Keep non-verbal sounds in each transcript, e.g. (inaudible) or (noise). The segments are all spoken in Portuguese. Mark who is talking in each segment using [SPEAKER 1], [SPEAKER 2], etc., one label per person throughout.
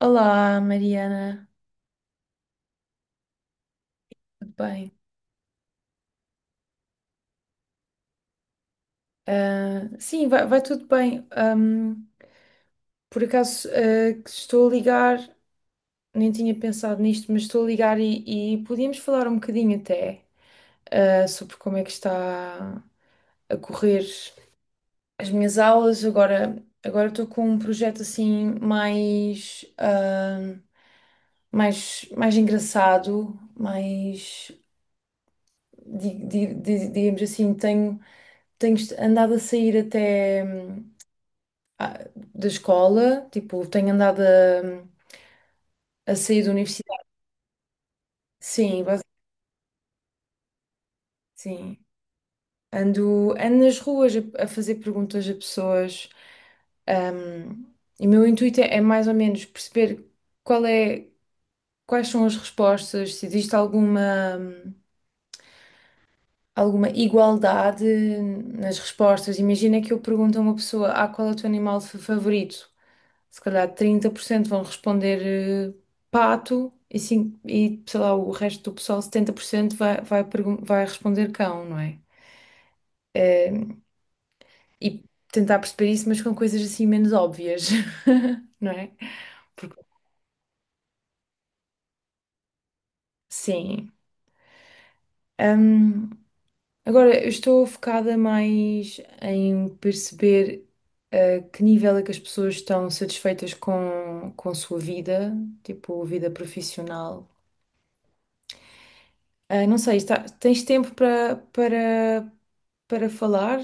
[SPEAKER 1] Olá, Mariana, tudo bem? Ah, sim, vai tudo bem. Por acaso, que estou a ligar, nem tinha pensado nisto, mas estou a ligar e podíamos falar um bocadinho até, sobre como é que está a correr as minhas aulas. Agora estou com um projeto assim mais, mais engraçado, mais, digamos assim, tenho andado a sair até ah, da escola, tipo, tenho andado hum, a sair da universidade. Sim, bas- sim. Ando nas ruas a fazer perguntas a pessoas. hum, e o meu intuito é mais ou menos perceber qual é, quais são as respostas, se existe alguma igualdade nas respostas. Imagina que eu pergunto a uma pessoa, qual é o teu animal favorito? Se calhar 30% vão responder pato e sei lá, o resto do pessoal, 70% vai responder cão, não é? Eh, e tentar perceber isso, mas com coisas assim menos óbvias, (laughs) não é? Porque, sim. Ahm, Agora, eu estou focada mais em perceber a que nível é que as pessoas estão satisfeitas com a sua vida, tipo, vida profissional. Ah, não sei, tens tempo para para falar?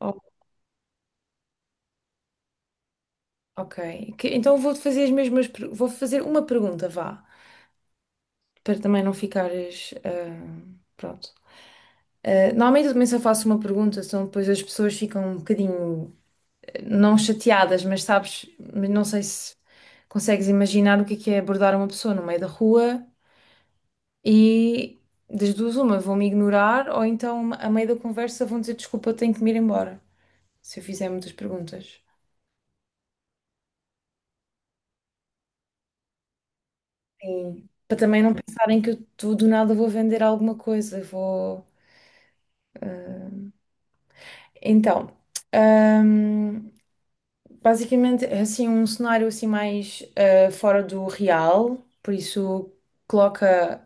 [SPEAKER 1] Oh, ok. Então vou-te fazer as vou fazer uma pergunta, vá, para também não ficares, pronto. Ah, normalmente eu também só faço uma pergunta, senão depois as pessoas ficam um bocadinho, não chateadas, mas sabes, mas não sei se consegues imaginar o que é abordar uma pessoa no meio da rua e das duas uma, vão-me ignorar ou então a meio da conversa vão dizer desculpa, eu tenho que me ir embora. Se eu fizer muitas perguntas. Sim. Para também não pensarem que eu do nada vou vender alguma coisa, vou. eh, Então, ahm, basicamente é assim um cenário assim mais fora do real, por isso coloca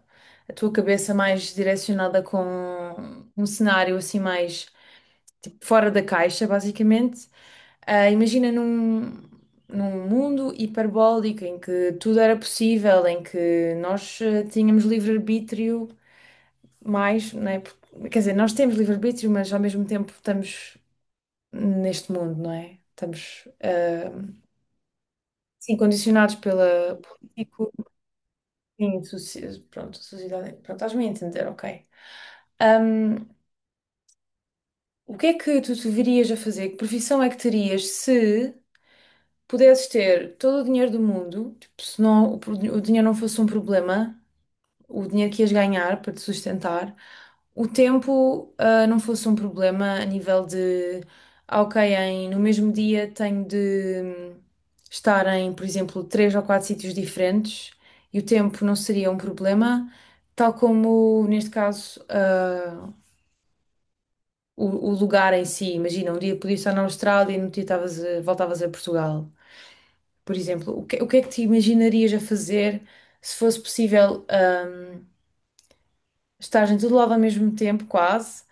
[SPEAKER 1] a tua cabeça mais direcionada com um cenário assim mais tipo, fora da caixa, basicamente. Ah, imagina num mundo hiperbólico em que tudo era possível, em que nós tínhamos livre-arbítrio mais, não é? Quer dizer, nós temos livre-arbítrio, mas ao mesmo tempo estamos neste mundo, não é? Estamos, sim, condicionados pela político, sim, pronto, sociedade, pronto, estás-me a entender, ok. Ahm, o que é que tu te verias a fazer? Que profissão é que terias se pudesses ter todo o dinheiro do mundo, tipo, se não, o dinheiro não fosse um problema, o dinheiro que ias ganhar para te sustentar, o tempo, não fosse um problema a nível de, ok, em, no mesmo dia tenho de hum, estar em, por exemplo, três ou quatro sítios diferentes e o tempo não seria um problema, tal como, neste caso, o, o lugar em si. Imagina, um dia podias estar na Austrália e no outro dia voltavas a Portugal. Por exemplo, o que é que te imaginarias a fazer se fosse possível, estar em todo lado ao mesmo tempo, quase?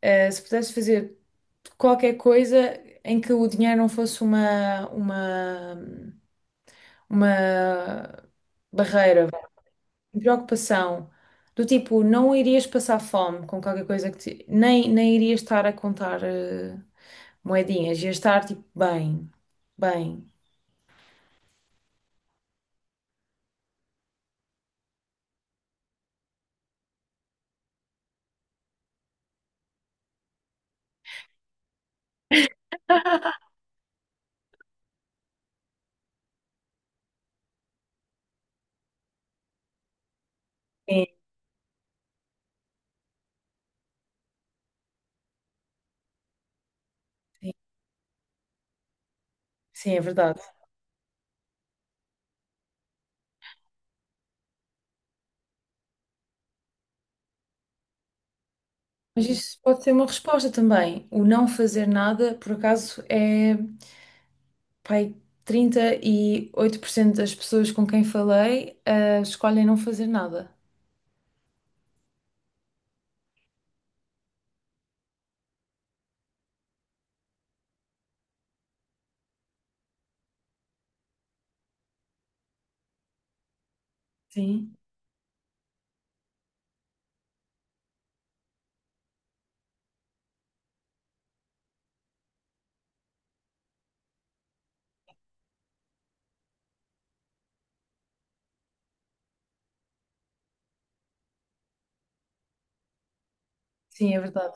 [SPEAKER 1] Se pudesses fazer qualquer coisa em que o dinheiro não fosse uma barreira, uma preocupação, do tipo, não irias passar fome com qualquer coisa que te, nem irias estar a contar, moedinhas, ias estar tipo, bem, bem. Sim, sim, sim, é verdade. Mas isso pode ser uma resposta também. O não fazer nada, por acaso, é, pai, 38% das pessoas com quem falei, escolhem não fazer nada. Sim, sim, é verdade.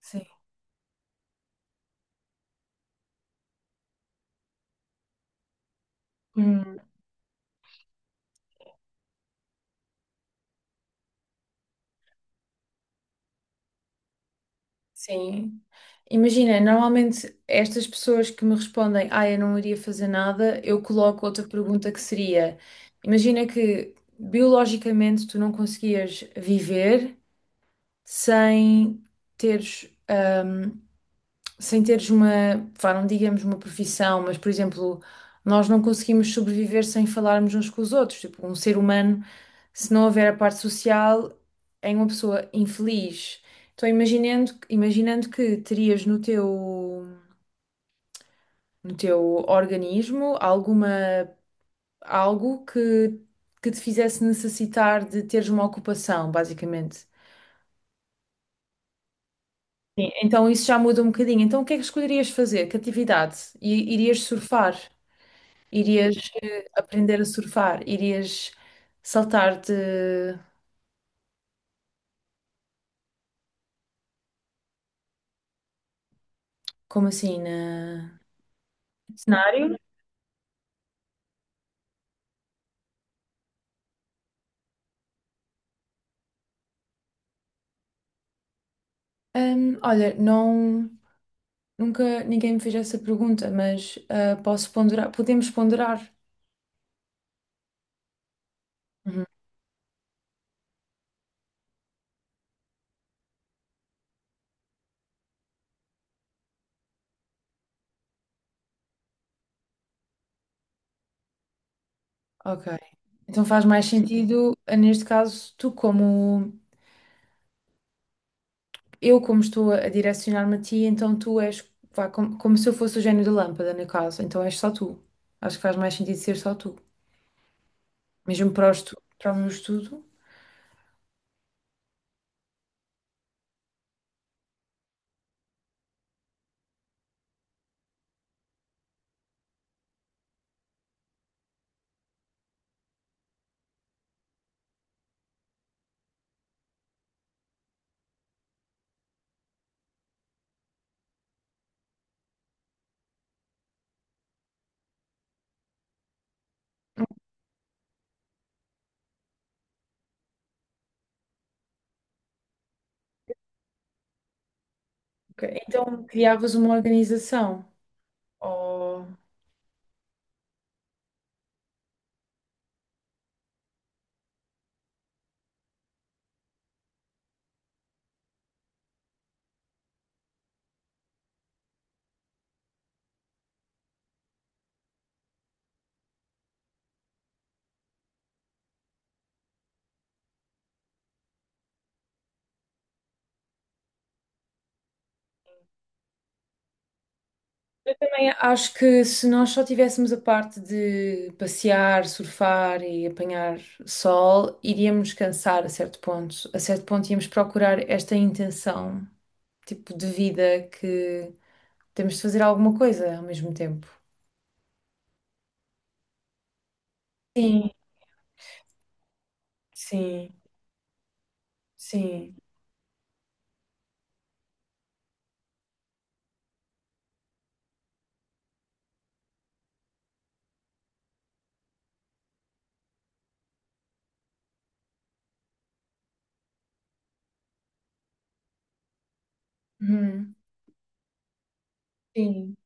[SPEAKER 1] Sim. Hum, sim. Imagina, normalmente estas pessoas que me respondem, eu não iria fazer nada, eu coloco outra pergunta que seria: imagina que biologicamente tu não conseguias viver sem teres. hum, teres uma, pá, não digamos uma profissão, mas por exemplo, nós não conseguimos sobreviver sem falarmos uns com os outros. Tipo, um ser humano, se não houver a parte social, é uma pessoa infeliz. Então, imaginando que terias no teu organismo alguma, algo que te fizesse necessitar de teres uma ocupação, basicamente. Sim, então isso já muda um bocadinho. Então o que é que escolherias fazer? Que atividade? E irias surfar? Irias aprender a surfar, irias saltar de, como assim, na... cenário? Olha, não, nunca ninguém me fez essa pergunta, mas posso ponderar, podemos ponderar. Uhum, ok. Então faz mais sentido, neste caso, tu como, eu como estou a direcionar-me a ti, então tu és, vá, como se eu fosse o gênio da lâmpada, no caso, então és só tu. Acho que faz mais sentido ser só tu. Mesmo para o para o meu estudo, ok, então criavas uma organização. Ou- Eu também acho que se nós só tivéssemos a parte de passear, surfar e apanhar sol, iríamos cansar a certo ponto. A certo ponto íamos procurar esta intenção, tipo de vida que temos de fazer alguma coisa ao mesmo tempo. Sim, sim, sim. Uhum, sim,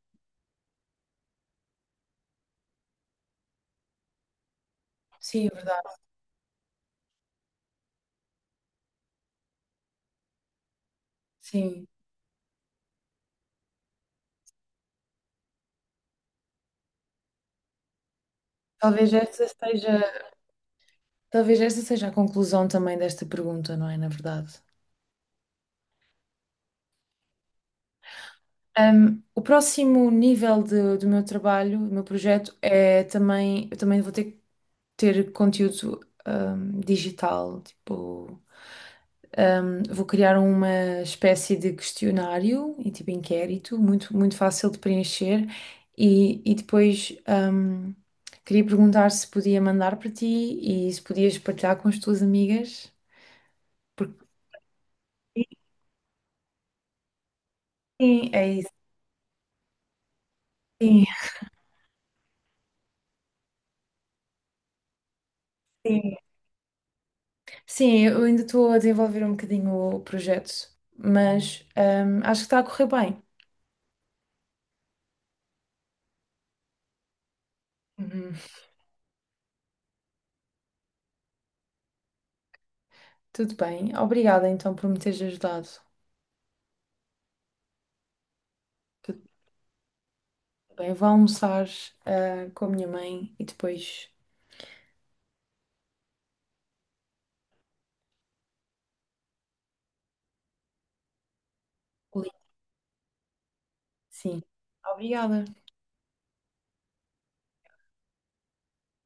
[SPEAKER 1] sim, é verdade. Sim. Talvez esta seja, talvez esta seja a conclusão também desta pergunta, não é? Na verdade. O próximo nível do meu trabalho, do meu projeto, é também, eu também vou ter que ter conteúdo digital, tipo, vou criar uma espécie de questionário e tipo inquérito, muito, muito fácil de preencher, e depois queria perguntar se podia mandar para ti e se podias partilhar com as tuas amigas. Porque sim, é isso. Sim, sim. Sim, eu ainda estou a desenvolver um bocadinho o projeto, mas acho que está a correr bem. Uhum. Tudo bem. Obrigada então por me teres ajudado. Tudo bem. Vou almoçar com a minha mãe e depois ligo. Sim. Obrigada.